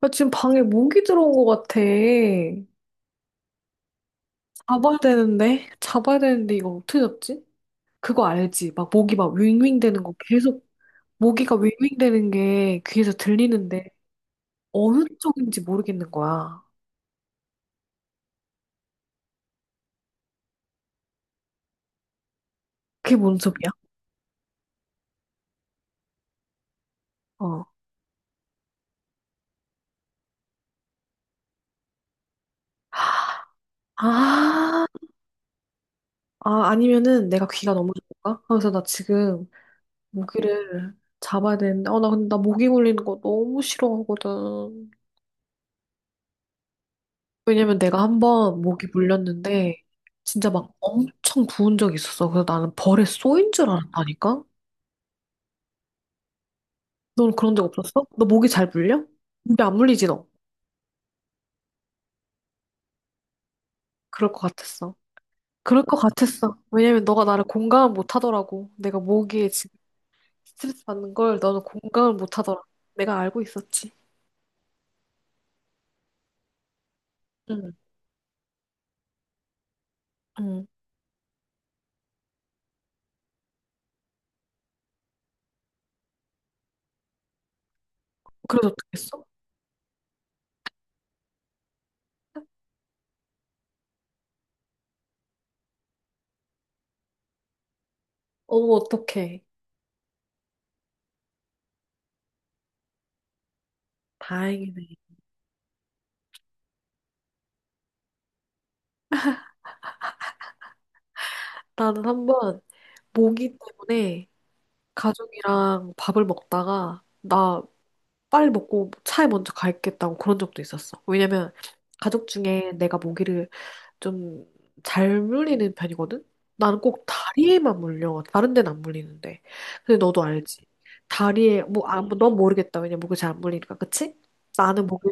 나 지금 방에 모기 들어온 것 같아. 잡아야 되는데? 잡아야 되는데 이거 어떻게 잡지? 그거 알지? 막 모기 막 윙윙 되는 거 계속 모기가 윙윙 되는 게 귀에서 들리는데 어느 쪽인지 모르겠는 거야. 그게 뭔 소리야? 어. 아, 아, 아니면은 내가 귀가 너무 좋은가? 그래서 나 지금 모기를 잡아야 되는데, 나 근데 나 모기 물리는 거 너무 싫어하거든. 왜냐면 내가 한 번 목이 물렸는데 진짜 막 엄청 부은 적이 있었어. 그래서 나는 벌에 쏘인 줄 알았다니까? 넌 그런 적 없었어? 너 목이 잘 물려? 근데 안 물리지 너? 그럴 것 같았어. 그럴 것 같았어. 왜냐면 너가 나를 공감을 못 하더라고. 내가 모기에 지금 스트레스 받는 걸 너는 공감을 못 하더라. 내가 알고 있었지. 응, 응. 그래서 어떻게 했어? 어머, 어떡해. 다행이네. 나는 한번 모기 때문에 가족이랑 밥을 먹다가 나 빨리 먹고 차에 먼저 가있겠다고 그런 적도 있었어. 왜냐면 가족 중에 내가 모기를 좀 잘 물리는 편이거든? 나는 꼭 다리에만 물려. 다른 데는 안 물리는데. 근데 너도 알지. 다리에, 뭐, 뭐, 넌 모르겠다. 왜냐면 목이 잘 안 물리니까. 그치? 나는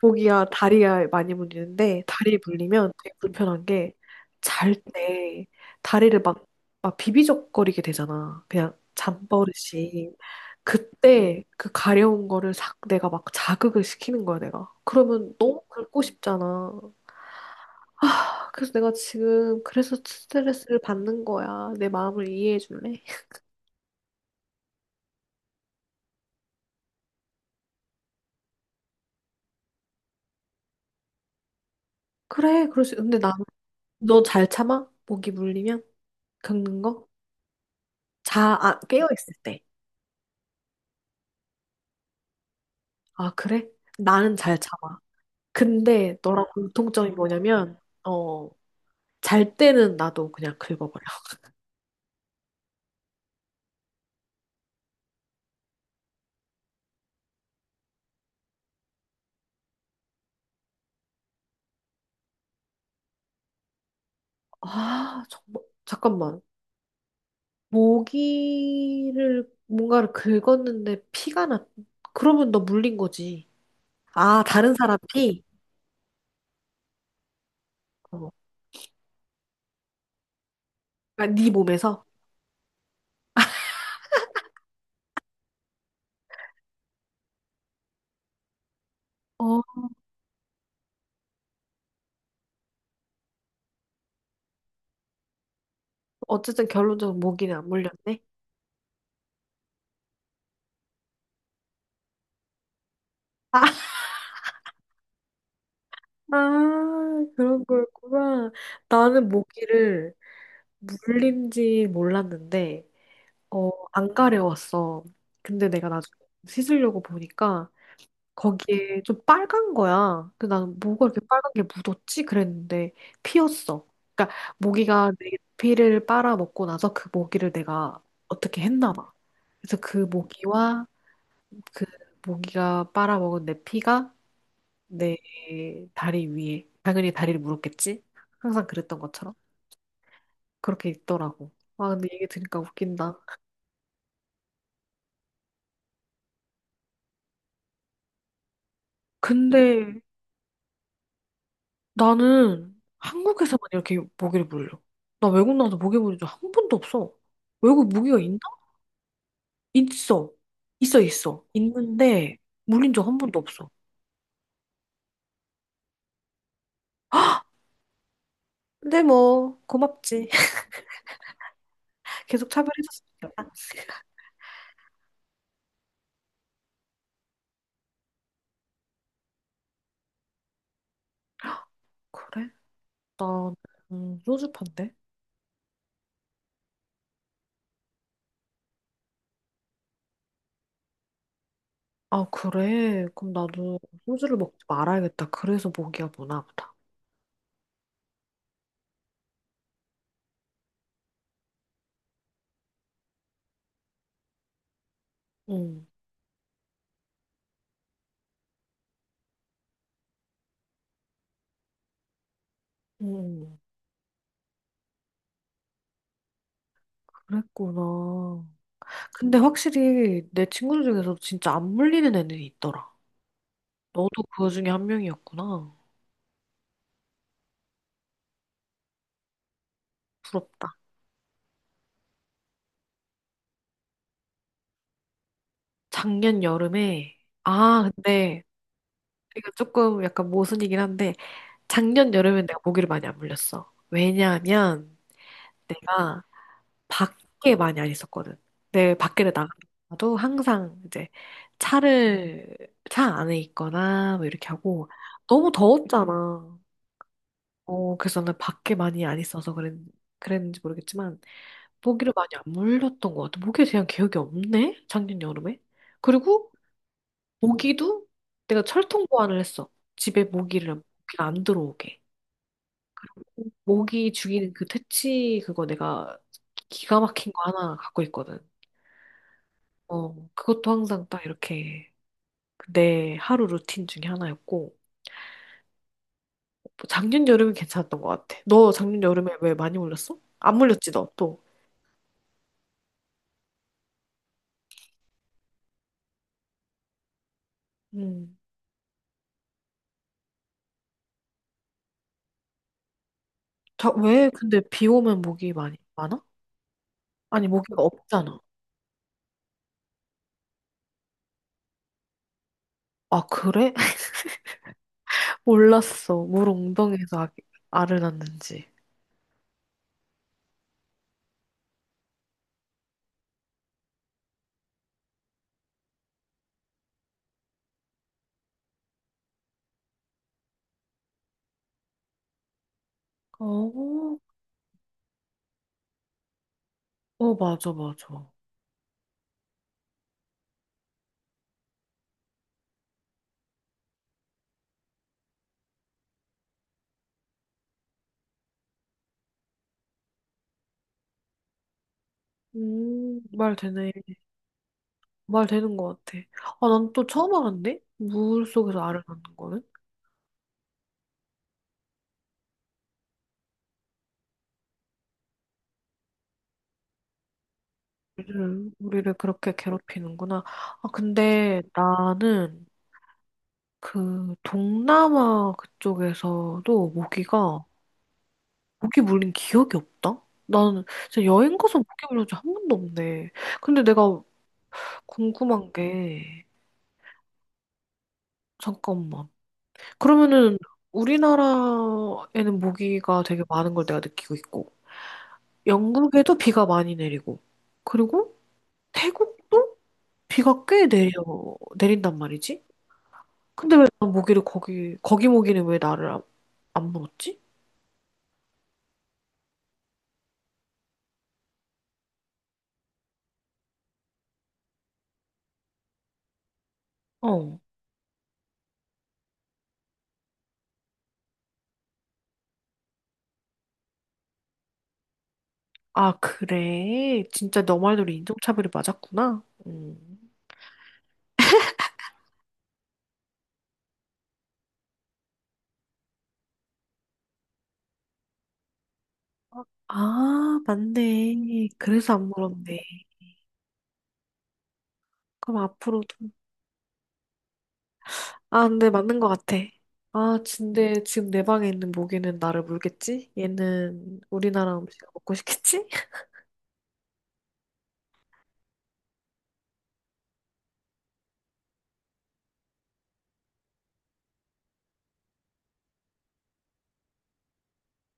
목이야, 다리야 많이 물리는데, 다리에 물리면 되게 불편한 게, 잘 때, 다리를 막, 막 비비적거리게 되잖아. 그냥 잠버릇이. 그때 그 가려운 거를 싹 내가 막 자극을 시키는 거야, 내가. 그러면 너무 긁고 싶잖아. 그래서 내가 지금 그래서 스트레스를 받는 거야. 내 마음을 이해해 줄래? 그래, 그럴 수. 근데 나, 너 잘 참아? 목이 물리면? 겪는 거? 자, 아, 깨어 있을 때. 아, 그래? 나는 잘 참아. 근데 너랑 공통점이 뭐냐면, 잘 때는 나도 그냥 긁어버려. 아, 정말. 잠깐만. 뭔가를 긁었는데 피가 났, 그러면 너 물린 거지. 아, 다른 사람 피? 어. 그러니까 네 몸에서? 어. 어쨌든 결론적으로 모기는 안 물렸네. 아, 아, 그런 거였구나. 나는 모기를 물린지 몰랐는데, 안 가려웠어. 근데 내가 나중에 씻으려고 보니까 거기에 좀 빨간 거야. 근데 나는 뭐가 이렇게 빨간 게 묻었지? 그랬는데 피었어. 그러니까 모기가 내 피를 빨아먹고 나서 그 모기를 내가 어떻게 했나 봐. 그래서 그 모기와 그 모기가 빨아먹은 내 피가 내 다리 위에. 당연히 다리를 물었겠지? 항상 그랬던 것처럼. 그렇게 있더라고. 아, 근데 얘기 들으니까 웃긴다. 근데 나는 한국에서만 이렇게 모기를 물려. 나 외국 나와서 모기 물린 적 한 번도 없어. 외국 모기가 있나? 있어. 있어, 있어. 있는데 물린 적 한 번도 없어. 근데 뭐 고맙지. 계속 차별해줬으니까. 그래? 나 소주판데? 아, 그래? 그럼 나도 소주를 먹지 말아야겠다. 그래서 목이야 보나 보다. 응, 응, 그랬구나. 근데 확실히 내 친구들 중에서도 진짜 안 물리는 애는 있더라. 너도 그 중에 한 명이었구나. 부럽다. 작년 여름에, 아, 근데 이거 조금 약간 모순이긴 한데, 작년 여름엔 내가 모기를 많이 안 물렸어. 왜냐하면 응. 내가 밖에 많이 안 있었거든. 내 밖에를 나가도 항상 이제 차를 차 안에 있거나 뭐 이렇게 하고 너무 더웠잖아. 그래서 나는 밖에 많이 안 있어서 그랬, 그랬는지 모르겠지만 모기를 많이 안 물렸던 것 같아. 모기에 대한 기억이 없네. 작년 여름에. 그리고 모기도 내가 철통 보완을 했어. 집에 모기를 모기가 안 들어오게. 모기 죽이는 그 퇴치 그거 내가 기가 막힌 거 하나 갖고 있거든. 그것도 항상 딱 이렇게 내 하루 루틴 중에 하나였고, 뭐 작년 여름은 괜찮았던 것 같아. 너 작년 여름에 왜 많이 물렸어? 안 물렸지, 너 또. 음. 자, 왜 근데 비 오면 목이 많이 많아? 아니, 모기가 없잖아. 아, 그래? 몰랐어. 물 웅덩이에서 알을 낳는지. 어, 어, 맞아, 맞아. 말 되네. 말 되는 것 같아. 아, 난 또 처음 알았네? 물 속에서 알을 낳는 거는? 우리를 그렇게 괴롭히는구나. 아, 근데 나는 그 동남아 그쪽에서도 모기가, 모기 물린 기억이 없다? 나는 진짜 여행 가서 모기 물린 적한 번도 없네. 근데 내가 궁금한 게, 잠깐만. 그러면은 우리나라에는 모기가 되게 많은 걸 내가 느끼고 있고, 영국에도 비가 많이 내리고, 그리고 태국도 비가 꽤 내린단 말이지? 근데 왜 난 모기를 거기 모기는 왜 나를 안 물었지? 어. 아, 그래. 진짜 너 말대로 인종차별이 맞았구나. 음. 아, 맞네. 그래서 안 물었네. 그럼 앞으로도. 아, 근데 맞는 것 같아. 아, 근데 지금 내 방에 있는 모기는 나를 물겠지? 얘는 우리나라 음식 먹고 싶겠지?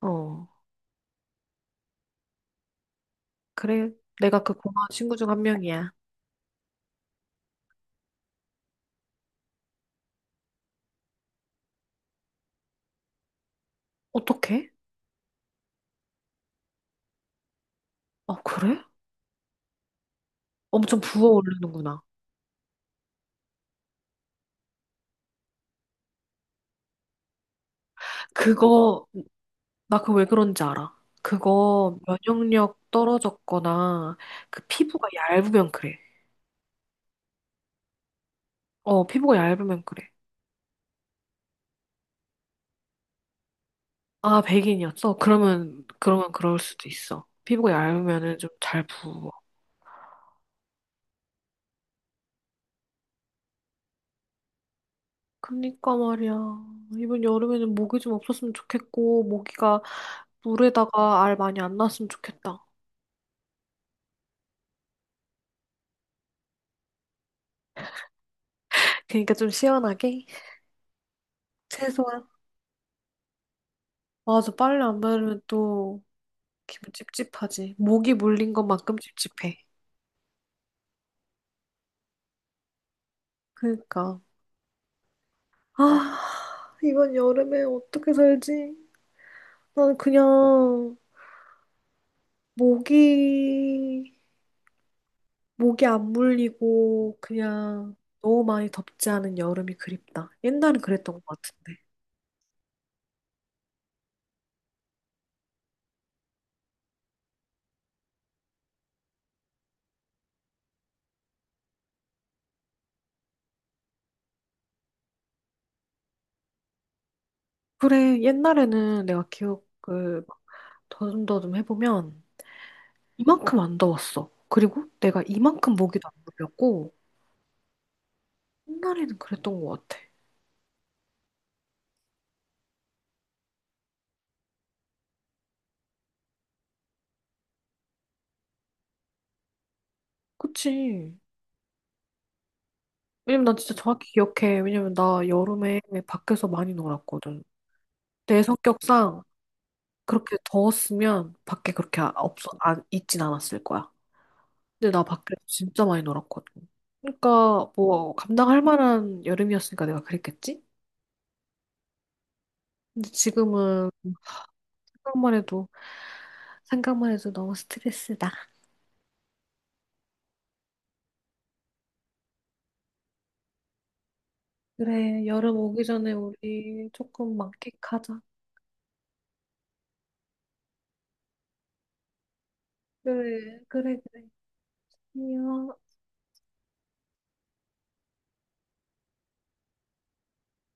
어. 그래. 내가 그 고마운 친구 중 한 명이야. 어떡해? 아, 그래? 엄청 부어오르는구나. 그거 나 그거 왜 그런지 알아. 그거 면역력 떨어졌거나 그 피부가 얇으면 그래. 피부가 얇으면 그래. 아, 백인이었어? 그러면 그럴 수도 있어. 피부가 얇으면은 좀 잘 부어. 그니까 말이야. 이번 여름에는 모기 좀 없었으면 좋겠고, 모기가 물에다가 알 많이 안 났으면 좋겠다. 그니까 좀 시원하게? 최소한? 맞아, 빨래 안 바르면 또 기분 찝찝하지. 모기 물린 것만큼 찝찝해. 그니까. 아, 이번 여름에 어떻게 살지? 나는 그냥 모기, 모기 안 물리고 그냥 너무 많이 덥지 않은 여름이 그립다. 옛날엔 그랬던 것 같은데. 그래, 옛날에는 내가 기억을 막 더듬더듬 해보면 이만큼 안 더웠어. 그리고 내가 이만큼 모기도 안 물렸고 옛날에는 그랬던 것 같아. 그치? 왜냐면 난 진짜 정확히 기억해. 왜냐면 나 여름에 밖에서 많이 놀았거든. 내 성격상 그렇게 더웠으면 밖에 그렇게 없어, 안, 있진 않았을 거야. 근데 나 밖에서 진짜 많이 놀았거든. 그러니까 뭐 감당할 만한 여름이었으니까 내가 그랬겠지? 근데 지금은 생각만 해도 생각만 해도 너무 스트레스다. 그래, 여름 오기 전에 우리 조금 만끽하자. 그래, 그래, 그래. 안녕.